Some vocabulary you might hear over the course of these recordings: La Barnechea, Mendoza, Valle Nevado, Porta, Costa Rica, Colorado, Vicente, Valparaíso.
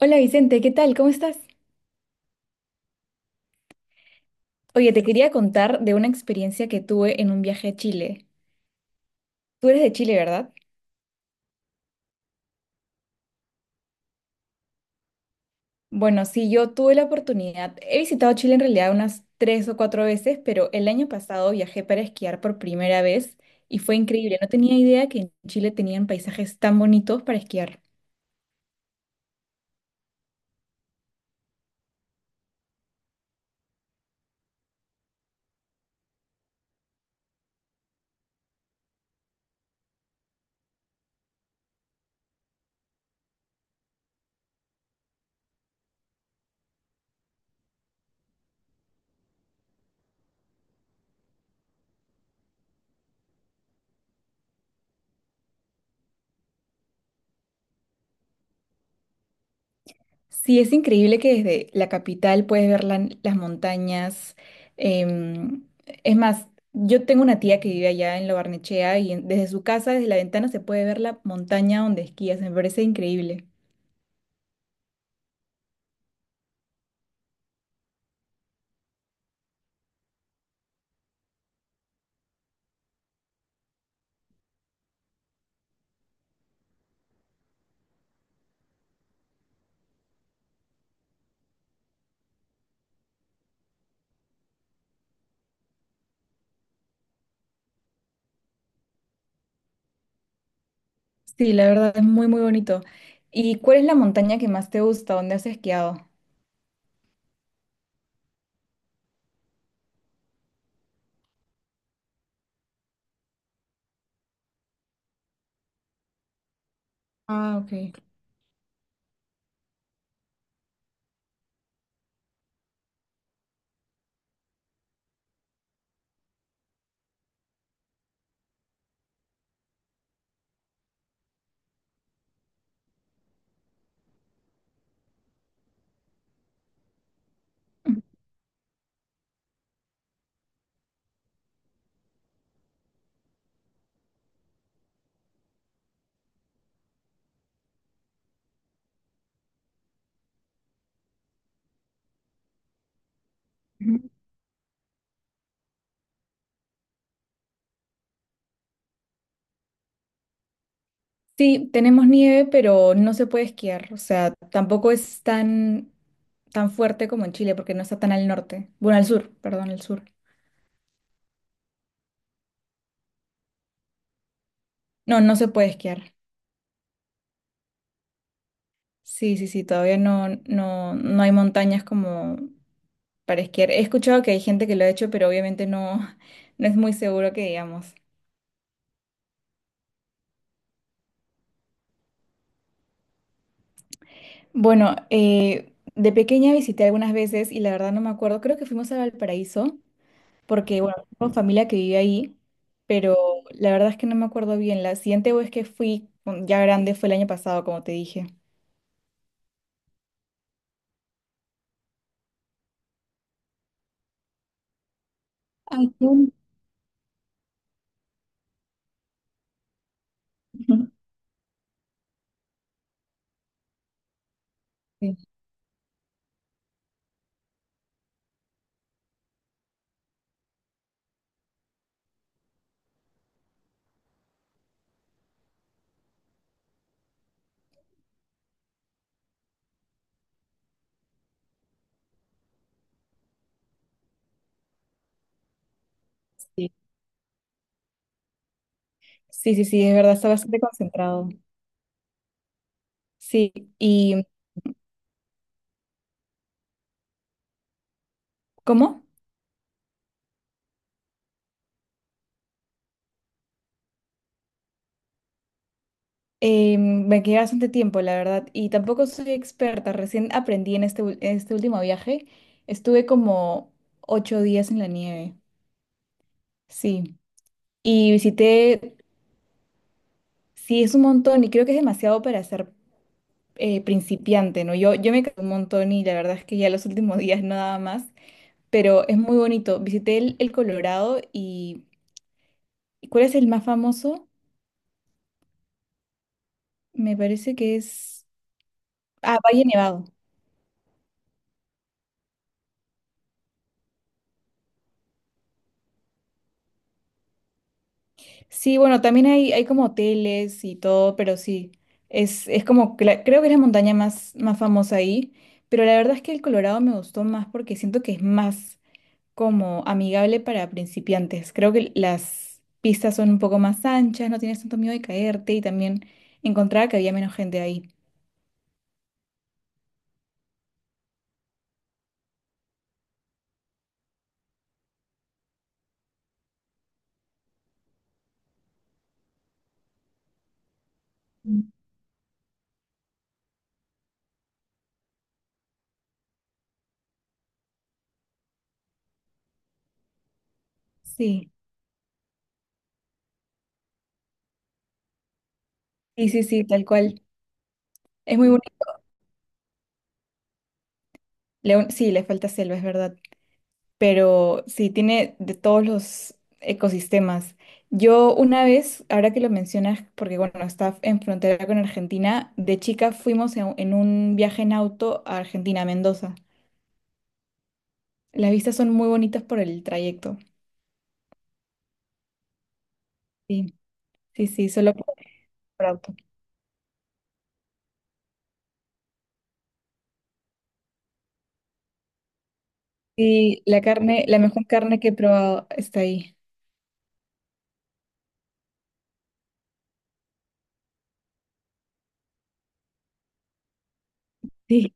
Hola Vicente, ¿qué tal? ¿Cómo estás? Oye, te quería contar de una experiencia que tuve en un viaje a Chile. Tú eres de Chile, ¿verdad? Bueno, sí, yo tuve la oportunidad. He visitado Chile en realidad unas tres o cuatro veces, pero el año pasado viajé para esquiar por primera vez y fue increíble. No tenía idea que en Chile tenían paisajes tan bonitos para esquiar. Sí, es increíble que desde la capital puedes ver las montañas. em, es más, yo tengo una tía que vive allá en La Barnechea desde su casa, desde la ventana, se puede ver la montaña donde esquías. Me parece increíble. Sí, la verdad es muy, muy bonito. ¿Y cuál es la montaña que más te gusta? ¿Dónde has esquiado? Ah, ok. Ujú. Sí, tenemos nieve, pero no se puede esquiar. O sea, tampoco es tan, fuerte como en Chile porque no está tan al norte. Bueno, al sur, perdón, al sur. No, no se puede esquiar. Sí, sí, sí, todavía no, no hay montañas como para esquiar. He escuchado que hay gente que lo ha hecho, pero obviamente no, no es muy seguro que digamos. Bueno, de pequeña visité algunas veces y la verdad no me acuerdo. Creo que fuimos a Valparaíso porque, bueno, tengo familia que vive ahí, pero la verdad es que no me acuerdo bien. La siguiente vez que fui, ya grande, fue el año pasado, como te dije. Ay, qué bonito. Sí, sí, sí, sí, sí, es verdad, está bastante concentrado. Sí, y ¿cómo? Me quedé bastante tiempo, la verdad, y tampoco soy experta. Recién aprendí en este último viaje. Estuve como 8 días en la nieve, sí. Y visité, sí, es un montón y creo que es demasiado para ser principiante, ¿no? Yo me cansé un montón y la verdad es que ya los últimos días no daba más, pero es muy bonito. Visité el Colorado y ¿cuál es el más famoso? Me parece que es... Ah, Valle Nevado. Sí, bueno, también hay como hoteles y todo, pero sí, es como, que creo que es la montaña más, más famosa ahí, pero la verdad es que el Colorado me gustó más porque siento que es más como amigable para principiantes. Creo que las pistas son un poco más anchas, no tienes tanto miedo de caerte y también encontraba que había menos gente ahí. Mm. Sí, sí, sí, sí, tal cual. Es muy bonito. Sí, le falta selva, es verdad. Pero sí tiene de todos los ecosistemas. Yo una vez, ahora que lo mencionas, porque bueno, está en frontera con Argentina, de chica fuimos en un viaje en auto a Argentina, a Mendoza. Las vistas son muy bonitas por el trayecto. Sí, sí, sí, solo por auto. Sí, la carne, la mejor carne que he probado está ahí. Sí,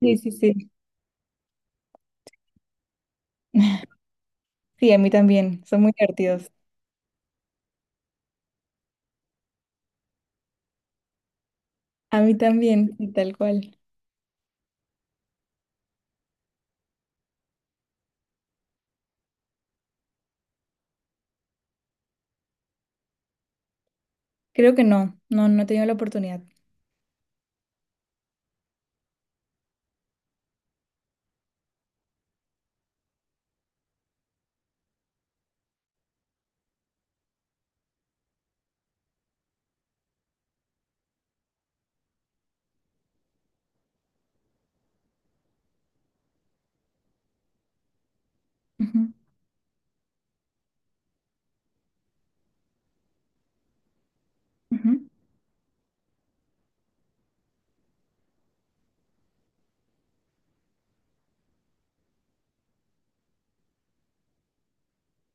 sí, sí, sí. Sí, a mí también, son muy divertidos. A mí también, sí, tal cual. Creo que no, no he tenido la oportunidad. Ujú, ujú.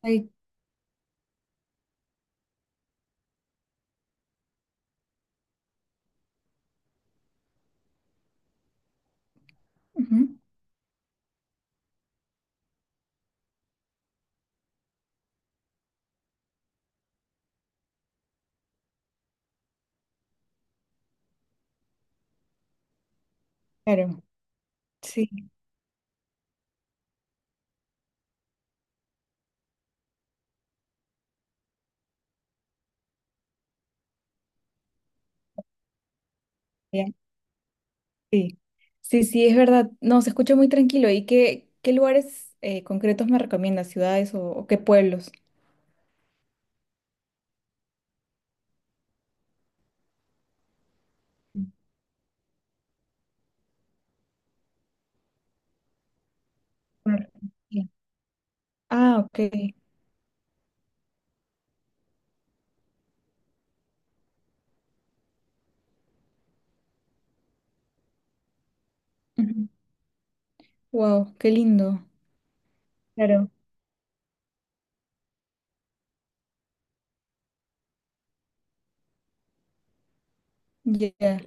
Ay, ujú, claro, sí, ya, sí, sí, sí, es verdad. No, se escucha muy tranquilo. ¿Y qué lugares concretos me recomiendas? ¿Ciudades o qué pueblos? Claro, ya. Ah, ok. Wow, qué lindo. Claro. Ya,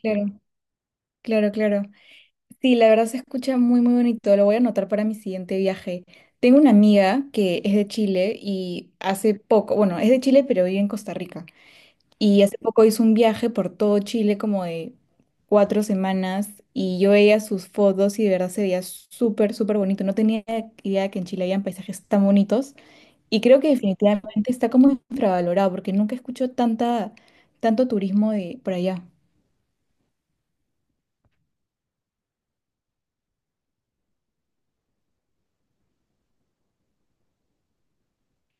claro, claro, claro. Sí, la verdad se escucha muy, muy bonito. Lo voy a anotar para mi siguiente viaje. Tengo una amiga que es de Chile y hace poco, bueno, es de Chile, pero vive en Costa Rica. Y hace poco hizo un viaje por todo Chile como de 4 semanas y yo veía sus fotos y de verdad se veía súper, súper bonito. No tenía idea de que en Chile habían paisajes tan bonitos y creo que definitivamente está como infravalorado porque nunca escucho tanta, tanto turismo de por allá.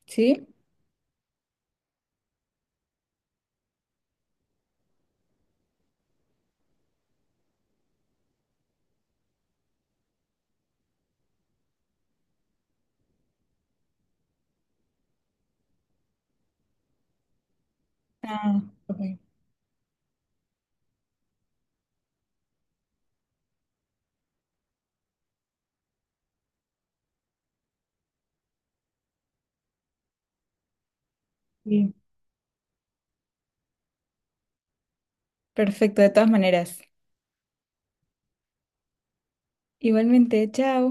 ¿Sí? Ah, ok. Sí. Perfecto, de todas maneras. Igualmente, chao.